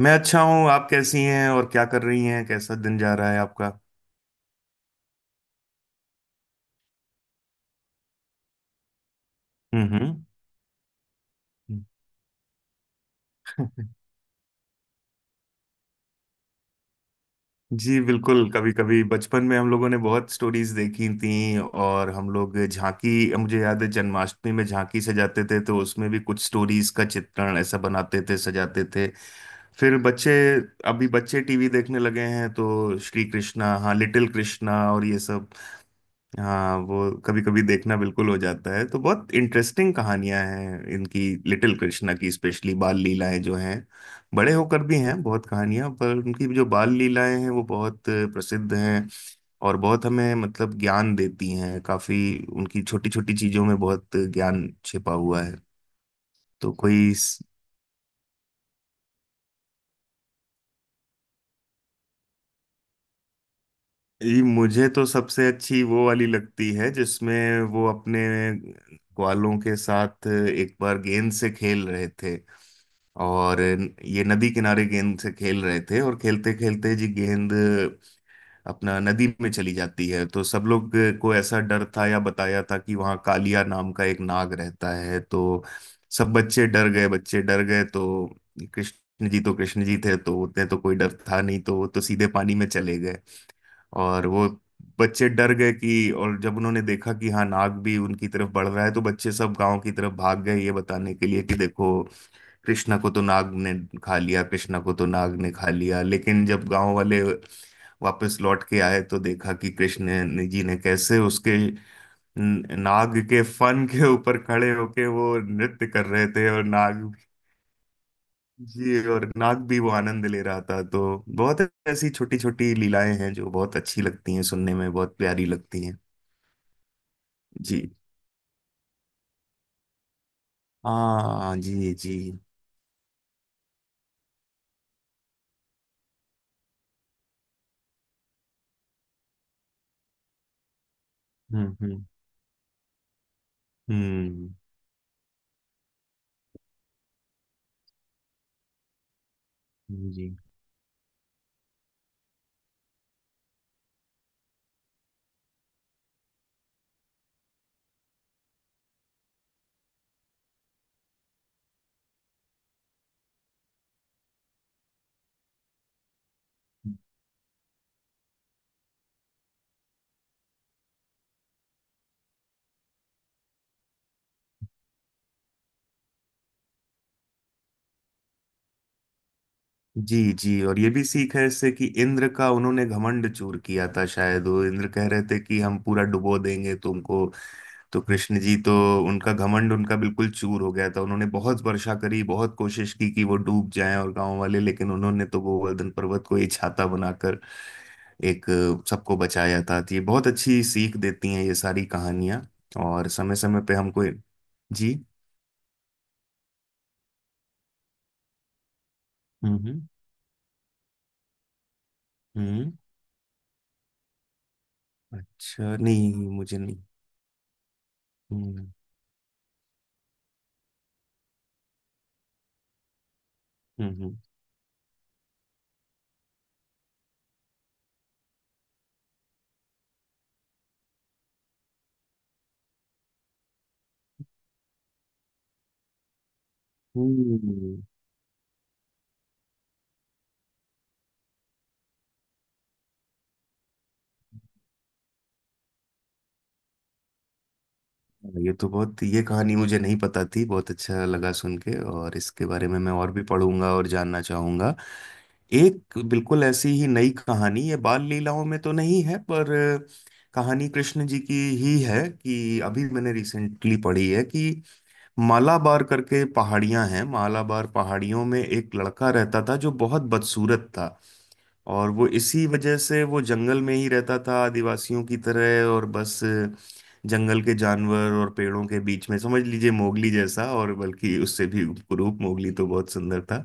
मैं अच्छा हूँ। आप कैसी हैं और क्या कर रही हैं? कैसा दिन जा रहा है आपका? हम्म। हम्म। जी, बिल्कुल। कभी कभी बचपन में हम लोगों ने बहुत स्टोरीज देखी थी और हम लोग झांकी, मुझे याद है जन्माष्टमी में झांकी सजाते थे तो उसमें भी कुछ स्टोरीज का चित्रण ऐसा बनाते थे, सजाते थे। फिर बच्चे अभी बच्चे टीवी देखने लगे हैं तो श्री कृष्णा, हाँ, लिटिल कृष्णा और ये सब। हाँ, वो कभी कभी देखना बिल्कुल हो जाता है तो बहुत इंटरेस्टिंग कहानियां हैं इनकी। लिटिल कृष्णा की स्पेशली बाल लीलाएं जो हैं, बड़े होकर भी हैं बहुत कहानियां पर उनकी जो बाल लीलाएं हैं वो बहुत प्रसिद्ध हैं। और बहुत हमें मतलब ज्ञान देती हैं काफी। उनकी छोटी छोटी चीजों में बहुत ज्ञान छिपा हुआ है। तो कोई ये, मुझे तो सबसे अच्छी वो वाली लगती है जिसमें वो अपने ग्वालों के साथ एक बार गेंद से खेल रहे थे। और ये नदी किनारे गेंद से खेल रहे थे, और खेलते खेलते जी गेंद अपना नदी में चली जाती है, तो सब लोग को ऐसा डर था या बताया था कि वहाँ कालिया नाम का एक नाग रहता है। तो सब बच्चे डर गए, बच्चे डर गए, तो कृष्ण जी, तो कृष्ण जी थे तो उतने तो कोई डर था नहीं, तो वो तो सीधे पानी में चले गए। और वो बच्चे डर गए कि, और जब उन्होंने देखा कि हाँ, नाग भी उनकी तरफ बढ़ रहा है, तो बच्चे सब गांव की तरफ भाग गए ये बताने के लिए कि देखो, कृष्णा को तो नाग ने खा लिया, कृष्णा को तो नाग ने खा लिया। लेकिन जब गांव वाले वापस लौट के आए तो देखा कि जी ने कैसे उसके नाग के फन के ऊपर खड़े होके वो नृत्य कर रहे थे और नाग। जी, और नाग भी वो आनंद ले रहा था। तो बहुत ऐसी छोटी छोटी लीलाएं हैं जो बहुत अच्छी लगती हैं, सुनने में बहुत प्यारी लगती हैं। जी। हाँ, जी, जी। हम्म। हम्म। हम्म। जी, जी, जी, और ये भी सीख है इससे कि इंद्र का उन्होंने घमंड चूर किया था, शायद वो इंद्र कह रहे थे कि हम पूरा डुबो देंगे तुमको। तो कृष्ण जी तो, उनका घमंड, उनका बिल्कुल चूर हो गया था। उन्होंने बहुत वर्षा करी, बहुत कोशिश की कि वो डूब जाएं और गांव वाले, लेकिन उन्होंने तो गोवर्धन पर्वत को ही छाता बनाकर एक, सबको बचाया था। तो ये बहुत अच्छी सीख देती हैं, ये सारी कहानियाँ, और समय समय पे हमको। जी। हम्म। हम्म। हम्म। अच्छा, नहीं, मुझे नहीं। हम्म। हम्म। हम्म। हम्म। हाँ, ये तो बहुत, ये कहानी मुझे नहीं पता थी, बहुत अच्छा लगा सुन के, और इसके बारे में मैं और भी पढ़ूंगा और जानना चाहूंगा। एक बिल्कुल ऐसी ही नई कहानी, ये बाल लीलाओं में तो नहीं है, पर कहानी कृष्ण जी की ही है कि अभी मैंने रिसेंटली पढ़ी है कि मालाबार करके पहाड़ियां हैं, मालाबार पहाड़ियों में एक लड़का रहता था जो बहुत बदसूरत था, और वो इसी वजह से वो जंगल में ही रहता था आदिवासियों की तरह, और बस जंगल के जानवर और पेड़ों के बीच में, समझ लीजिए मोगली जैसा, और बल्कि उससे भी, रूप मोगली तो बहुत सुंदर था।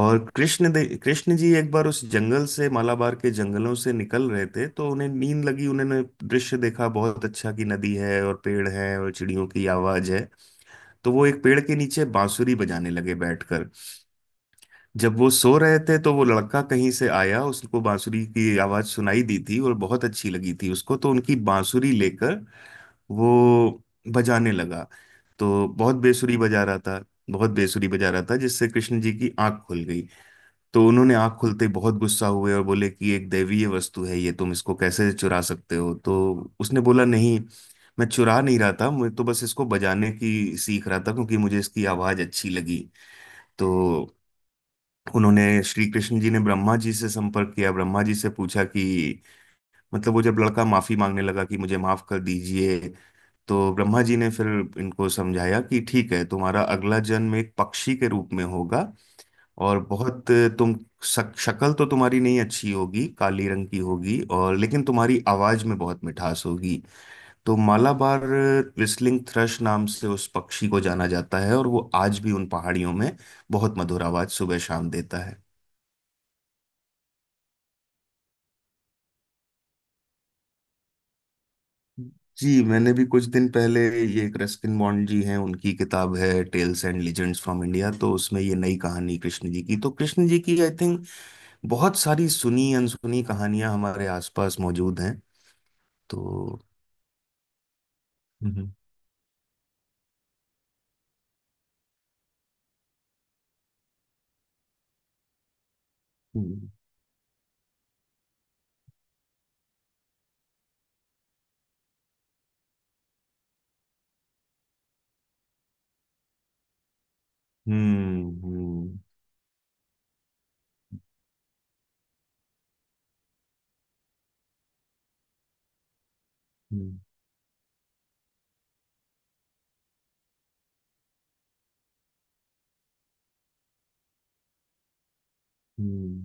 और कृष्ण जी एक बार उस जंगल से, मालाबार के जंगलों से निकल रहे थे तो उन्हें नींद लगी, उन्होंने दृश्य देखा बहुत अच्छा कि नदी है और पेड़ है और चिड़ियों की आवाज है, तो वो एक पेड़ के नीचे बांसुरी बजाने लगे बैठकर। जब वो सो रहे थे तो वो लड़का कहीं से आया, उसको बांसुरी की आवाज सुनाई दी थी और बहुत अच्छी लगी थी उसको, तो उनकी बांसुरी लेकर वो बजाने लगा। तो बहुत बेसुरी बजा रहा था, बहुत बेसुरी बजा रहा था, जिससे कृष्ण जी की आंख खुल गई। तो उन्होंने आंख खुलते ही बहुत गुस्सा हुए और बोले कि एक दैवीय वस्तु है ये, तुम इसको कैसे चुरा सकते हो? तो उसने बोला, नहीं, मैं चुरा नहीं रहा था, मैं तो बस इसको बजाने की सीख रहा था क्योंकि मुझे इसकी आवाज अच्छी लगी। तो उन्होंने, श्री कृष्ण जी ने ब्रह्मा जी से संपर्क किया, ब्रह्मा जी से पूछा कि, मतलब वो जब लड़का माफी मांगने लगा कि मुझे माफ कर दीजिए, तो ब्रह्मा जी ने फिर इनको समझाया कि ठीक है, तुम्हारा अगला जन्म एक पक्षी के रूप में होगा, और बहुत, तुम शक्ल तो तुम्हारी नहीं अच्छी होगी, काली रंग की होगी, और लेकिन तुम्हारी आवाज में बहुत मिठास होगी। तो मालाबार व्हिस्लिंग थ्रश नाम से उस पक्षी को जाना जाता है, और वो आज भी उन पहाड़ियों में बहुत मधुर आवाज सुबह शाम देता है। जी, मैंने भी कुछ दिन पहले ये, एक रस्किन बॉन्ड जी हैं, उनकी किताब है tales and legends from India, तो उसमें ये नई कहानी कृष्ण जी की, तो कृष्ण जी की, आई थिंक बहुत सारी सुनी अनसुनी कहानियां हमारे आसपास मौजूद हैं। तो हम्म। हम्म। हम्म। हम्म। हम्म।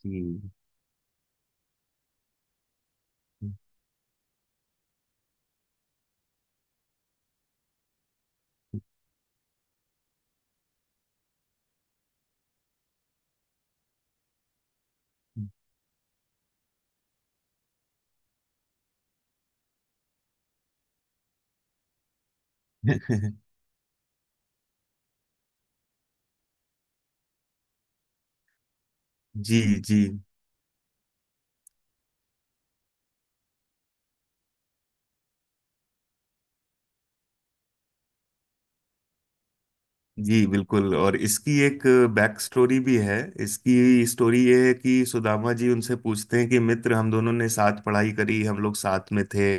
जी। जी। जी, जी, बिल्कुल, और इसकी एक बैक स्टोरी भी है। इसकी स्टोरी ये है कि सुदामा जी उनसे पूछते हैं कि मित्र, हम दोनों ने साथ पढ़ाई करी, हम लोग साथ में थे,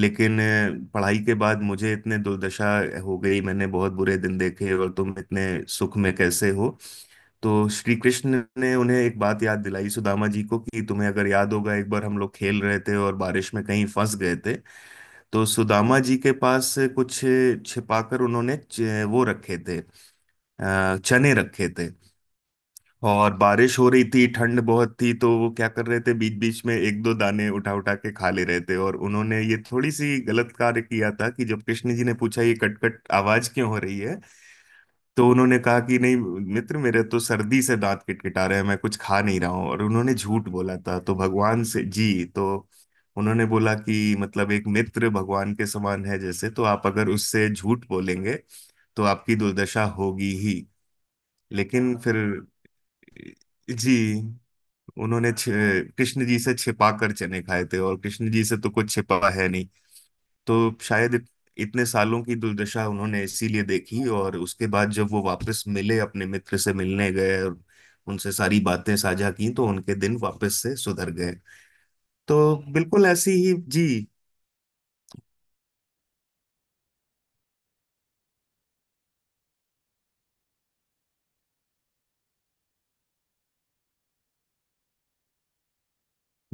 लेकिन पढ़ाई के बाद मुझे इतने दुर्दशा हो गई, मैंने बहुत बुरे दिन देखे, और तुम इतने सुख में कैसे हो? तो श्री कृष्ण ने उन्हें एक बात याद दिलाई सुदामा जी को कि तुम्हें अगर याद होगा एक बार हम लोग खेल रहे थे और बारिश में कहीं फंस गए थे। तो सुदामा जी के पास कुछ छिपाकर उन्होंने च- वो रखे थे अ, चने रखे थे। और बारिश हो रही थी, ठंड बहुत थी, तो वो क्या कर रहे थे, बीच बीच में एक दो दाने उठा उठा के खा ले रहे थे, और उन्होंने ये थोड़ी सी गलत कार्य किया था कि जब कृष्ण जी ने पूछा ये कट कट आवाज क्यों हो रही है, तो उन्होंने कहा कि नहीं, मित्र मेरे तो सर्दी से दांत किटकिटा रहे हैं, मैं कुछ खा नहीं रहा हूँ, और उन्होंने झूठ बोला था। तो भगवान से, जी, तो उन्होंने बोला कि मतलब एक मित्र भगवान के समान है जैसे, तो आप अगर उससे झूठ बोलेंगे तो आपकी दुर्दशा होगी ही। लेकिन फिर, जी, उन्होंने कृष्ण जी से छिपा कर चने खाए थे, और कृष्ण जी से तो कुछ छिपा है नहीं। तो शायद इतने सालों की दुर्दशा उन्होंने इसीलिए देखी, और उसके बाद जब वो वापस मिले, अपने मित्र से मिलने गए और उनसे सारी बातें साझा की तो उनके दिन वापस से सुधर गए। तो बिल्कुल ऐसी ही। जी।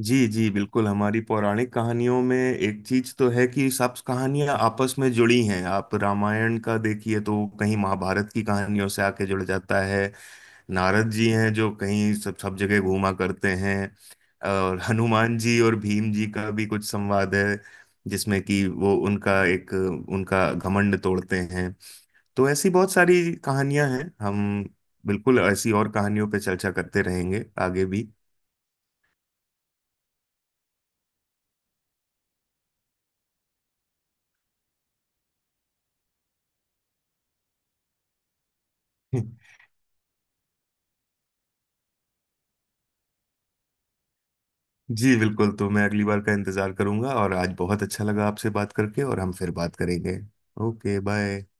जी, जी, बिल्कुल। हमारी पौराणिक कहानियों में एक चीज तो है कि सब कहानियां आपस में जुड़ी हैं। आप रामायण का देखिए तो कहीं महाभारत की कहानियों से आके जुड़ जाता है, नारद जी हैं जो कहीं सब सब जगह घूमा करते हैं, और हनुमान जी और भीम जी का भी कुछ संवाद है जिसमें कि वो उनका एक, उनका घमंड तोड़ते हैं। तो ऐसी बहुत सारी कहानियां हैं। हम बिल्कुल ऐसी और कहानियों पे चर्चा करते रहेंगे आगे भी। जी, बिल्कुल। तो मैं अगली बार का इंतजार करूंगा, और आज बहुत अच्छा लगा आपसे बात करके, और हम फिर बात करेंगे। Okay, bye.